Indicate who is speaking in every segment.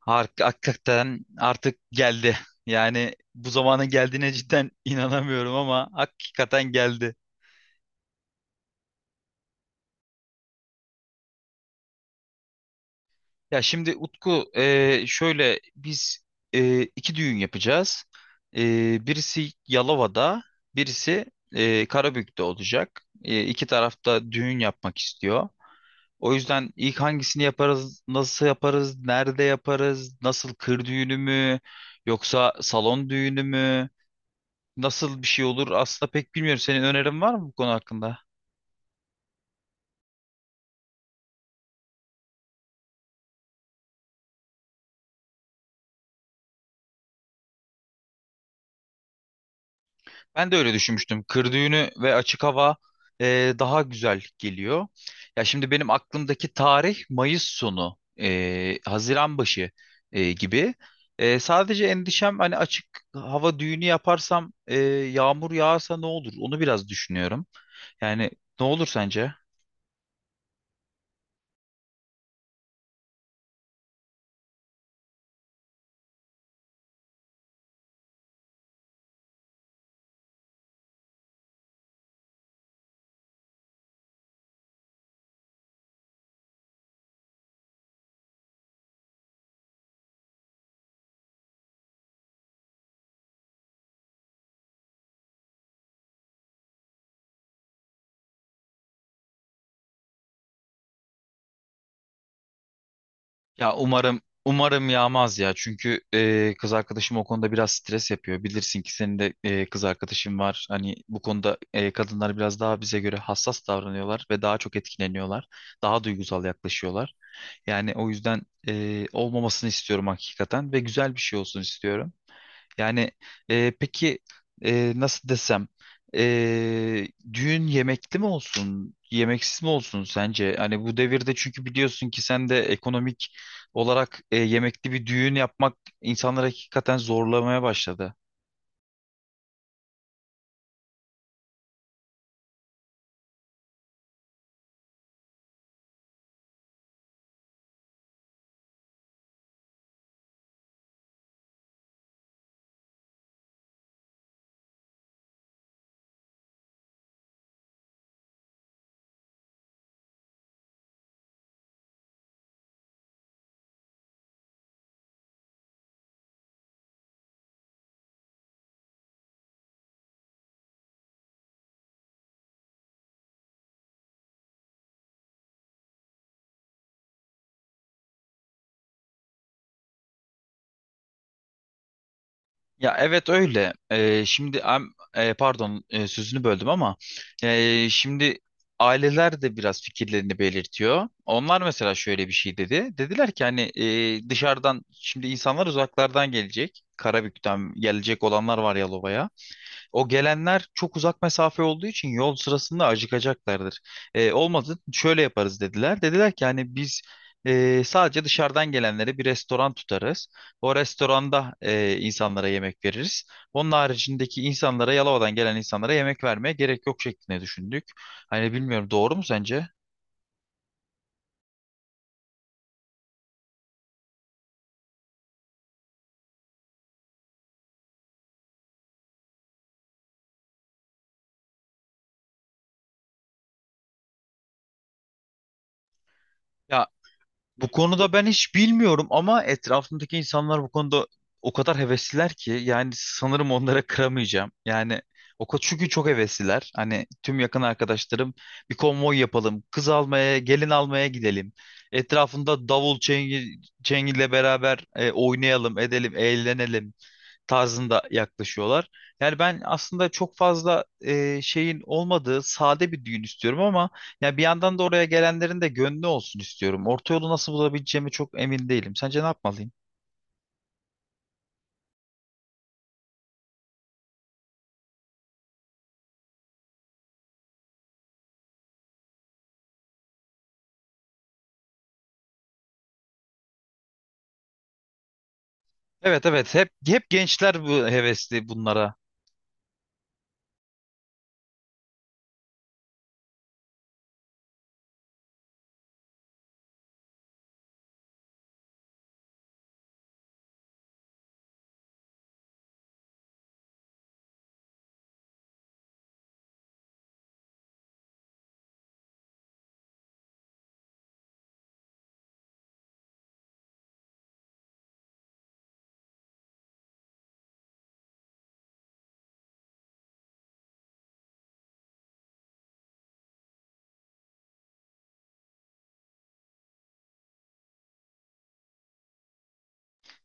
Speaker 1: Hakikaten artık geldi. Yani bu zamanın geldiğine cidden inanamıyorum ama hakikaten geldi. Ya şimdi Utku şöyle biz iki düğün yapacağız. Birisi Yalova'da, birisi Karabük'te olacak. İki tarafta düğün yapmak istiyor. O yüzden ilk hangisini yaparız, nasıl yaparız, nerede yaparız, nasıl kır düğünü mü, yoksa salon düğünü mü? Nasıl bir şey olur aslında pek bilmiyorum. Senin önerin var mı bu konu hakkında? Ben de öyle düşünmüştüm. Kır düğünü ve açık hava daha güzel geliyor. Ya şimdi benim aklımdaki tarih Mayıs sonu, Haziran başı gibi. Sadece endişem hani açık hava düğünü yaparsam yağmur yağarsa ne olur? Onu biraz düşünüyorum. Yani ne olur sence? Ya umarım umarım yağmaz ya. Çünkü kız arkadaşım o konuda biraz stres yapıyor. Bilirsin ki senin de kız arkadaşın var. Hani bu konuda kadınlar biraz daha bize göre hassas davranıyorlar ve daha çok etkileniyorlar. Daha duygusal yaklaşıyorlar. Yani o yüzden olmamasını istiyorum hakikaten ve güzel bir şey olsun istiyorum. Yani peki nasıl desem düğün yemekli mi olsun yemeksiz mi olsun sence? Hani bu devirde çünkü biliyorsun ki sen de ekonomik olarak yemekli bir düğün yapmak insanları hakikaten zorlamaya başladı. Ya evet öyle. Şimdi pardon, sözünü böldüm ama şimdi aileler de biraz fikirlerini belirtiyor. Onlar mesela şöyle bir şey dedi. Dediler ki hani dışarıdan şimdi insanlar uzaklardan gelecek. Karabük'ten gelecek olanlar var Yalova'ya. O gelenler çok uzak mesafe olduğu için yol sırasında acıkacaklardır. Olmadı şöyle yaparız dediler. Dediler ki hani biz sadece dışarıdan gelenlere bir restoran tutarız. O restoranda insanlara yemek veririz. Onun haricindeki insanlara Yalova'dan gelen insanlara yemek vermeye gerek yok şeklinde düşündük. Hani bilmiyorum doğru mu sence? Ya bu konuda ben hiç bilmiyorum ama etrafımdaki insanlar bu konuda o kadar hevesliler ki yani sanırım onlara kıramayacağım. Yani o kadar çünkü çok hevesliler. Hani tüm yakın arkadaşlarım bir konvoy yapalım, kız almaya, gelin almaya gidelim. Etrafında davul çengi, çengiyle beraber oynayalım, edelim, eğlenelim tarzında yaklaşıyorlar. Yani ben aslında çok fazla şeyin olmadığı sade bir düğün istiyorum ama ya bir yandan da oraya gelenlerin de gönlü olsun istiyorum. Orta yolu nasıl bulabileceğimi çok emin değilim. Sence ne yapmalıyım? Evet, evet, hep gençler bu hevesli bunlara.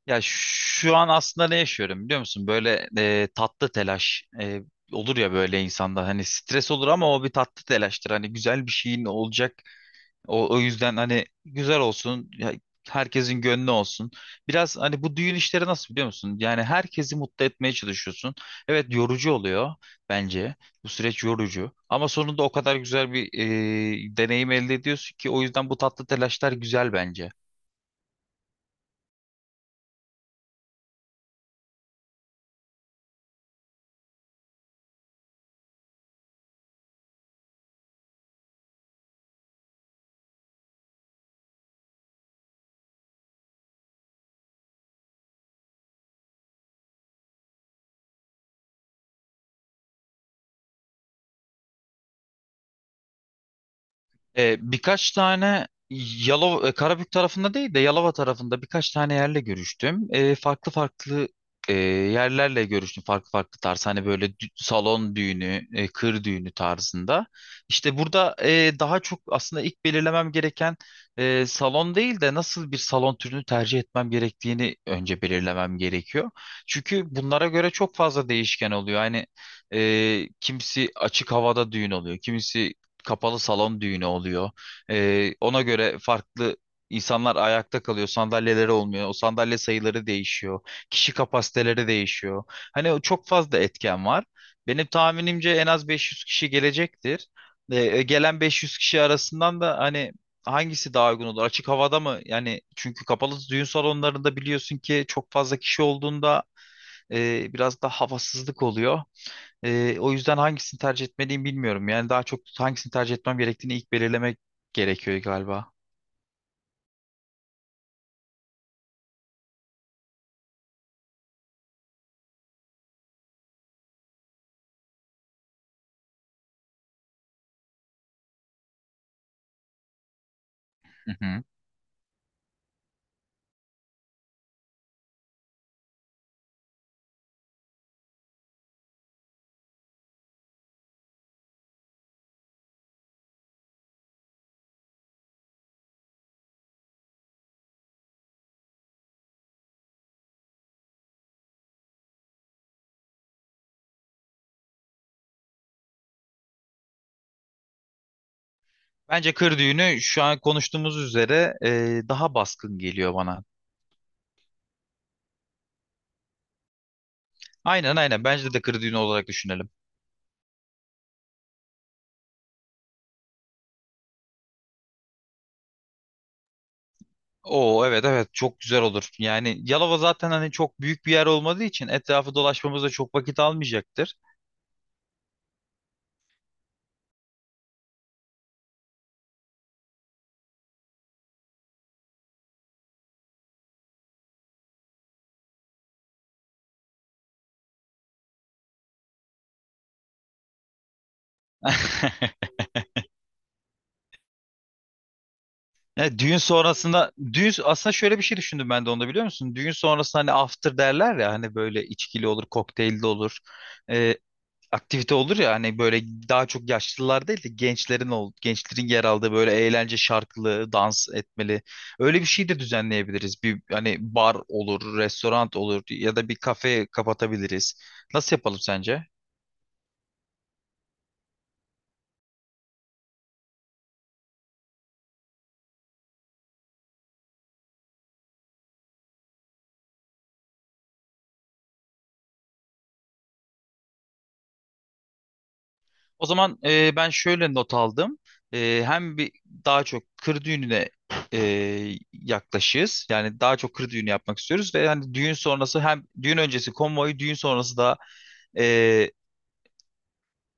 Speaker 1: Ya şu an aslında ne yaşıyorum biliyor musun? Böyle tatlı telaş, olur ya böyle insanda hani stres olur ama o bir tatlı telaştır. Hani güzel bir şeyin olacak. O yüzden hani güzel olsun, ya herkesin gönlü olsun. Biraz hani bu düğün işleri nasıl biliyor musun? Yani herkesi mutlu etmeye çalışıyorsun. Evet, yorucu oluyor bence. Bu süreç yorucu. Ama sonunda o kadar güzel bir deneyim elde ediyorsun ki o yüzden bu tatlı telaşlar güzel bence. Birkaç tane Yalova, Karabük tarafında değil de Yalova tarafında birkaç tane yerle görüştüm. Farklı farklı yerlerle görüştüm. Farklı farklı tarz. Hani böyle salon düğünü, kır düğünü tarzında. İşte burada daha çok aslında ilk belirlemem gereken salon değil de nasıl bir salon türünü tercih etmem gerektiğini önce belirlemem gerekiyor. Çünkü bunlara göre çok fazla değişken oluyor. Hani kimisi açık havada düğün oluyor. Kimisi kapalı salon düğünü oluyor. Ona göre farklı insanlar ayakta kalıyor. Sandalyeleri olmuyor. O sandalye sayıları değişiyor. Kişi kapasiteleri değişiyor. Hani o çok fazla etken var. Benim tahminimce en az 500 kişi gelecektir. Gelen 500 kişi arasından da hani hangisi daha uygun olur? Açık havada mı? Yani çünkü kapalı düğün salonlarında biliyorsun ki çok fazla kişi olduğunda biraz da havasızlık oluyor. O yüzden hangisini tercih etmeliyim bilmiyorum. Yani daha çok hangisini tercih etmem gerektiğini ilk belirlemek gerekiyor galiba. Hı hı. Bence kır düğünü şu an konuştuğumuz üzere daha baskın geliyor bana. Aynen, aynen. Bence de kır düğünü olarak düşünelim. Oo, evet, evet, çok güzel olur. Yani Yalova zaten hani çok büyük bir yer olmadığı için etrafı dolaşmamız da çok vakit almayacaktır. Ya düğün sonrasında düğün aslında şöyle bir şey düşündüm ben de onda biliyor musun? Düğün sonrasında hani after derler ya hani böyle içkili olur, kokteylli olur. Ee, Aktivite olur ya hani böyle daha çok yaşlılar değil de gençlerin yer aldığı böyle eğlence şarkılı, dans etmeli. Öyle bir şey de düzenleyebiliriz. Bir hani bar olur, restoran olur ya da bir kafe kapatabiliriz. Nasıl yapalım sence? O zaman ben şöyle not aldım. Hem bir daha çok kır düğününe e, yaklaşığız. Yani daha çok kır düğünü yapmak istiyoruz ve hani düğün sonrası hem düğün öncesi konvoyu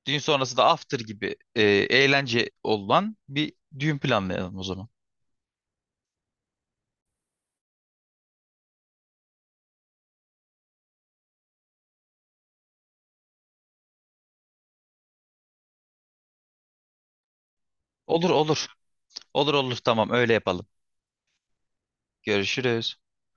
Speaker 1: Düğün sonrası da after gibi eğlence olan bir düğün planlayalım o zaman. Olur, olur. Olur, olur, tamam, öyle yapalım. Görüşürüz.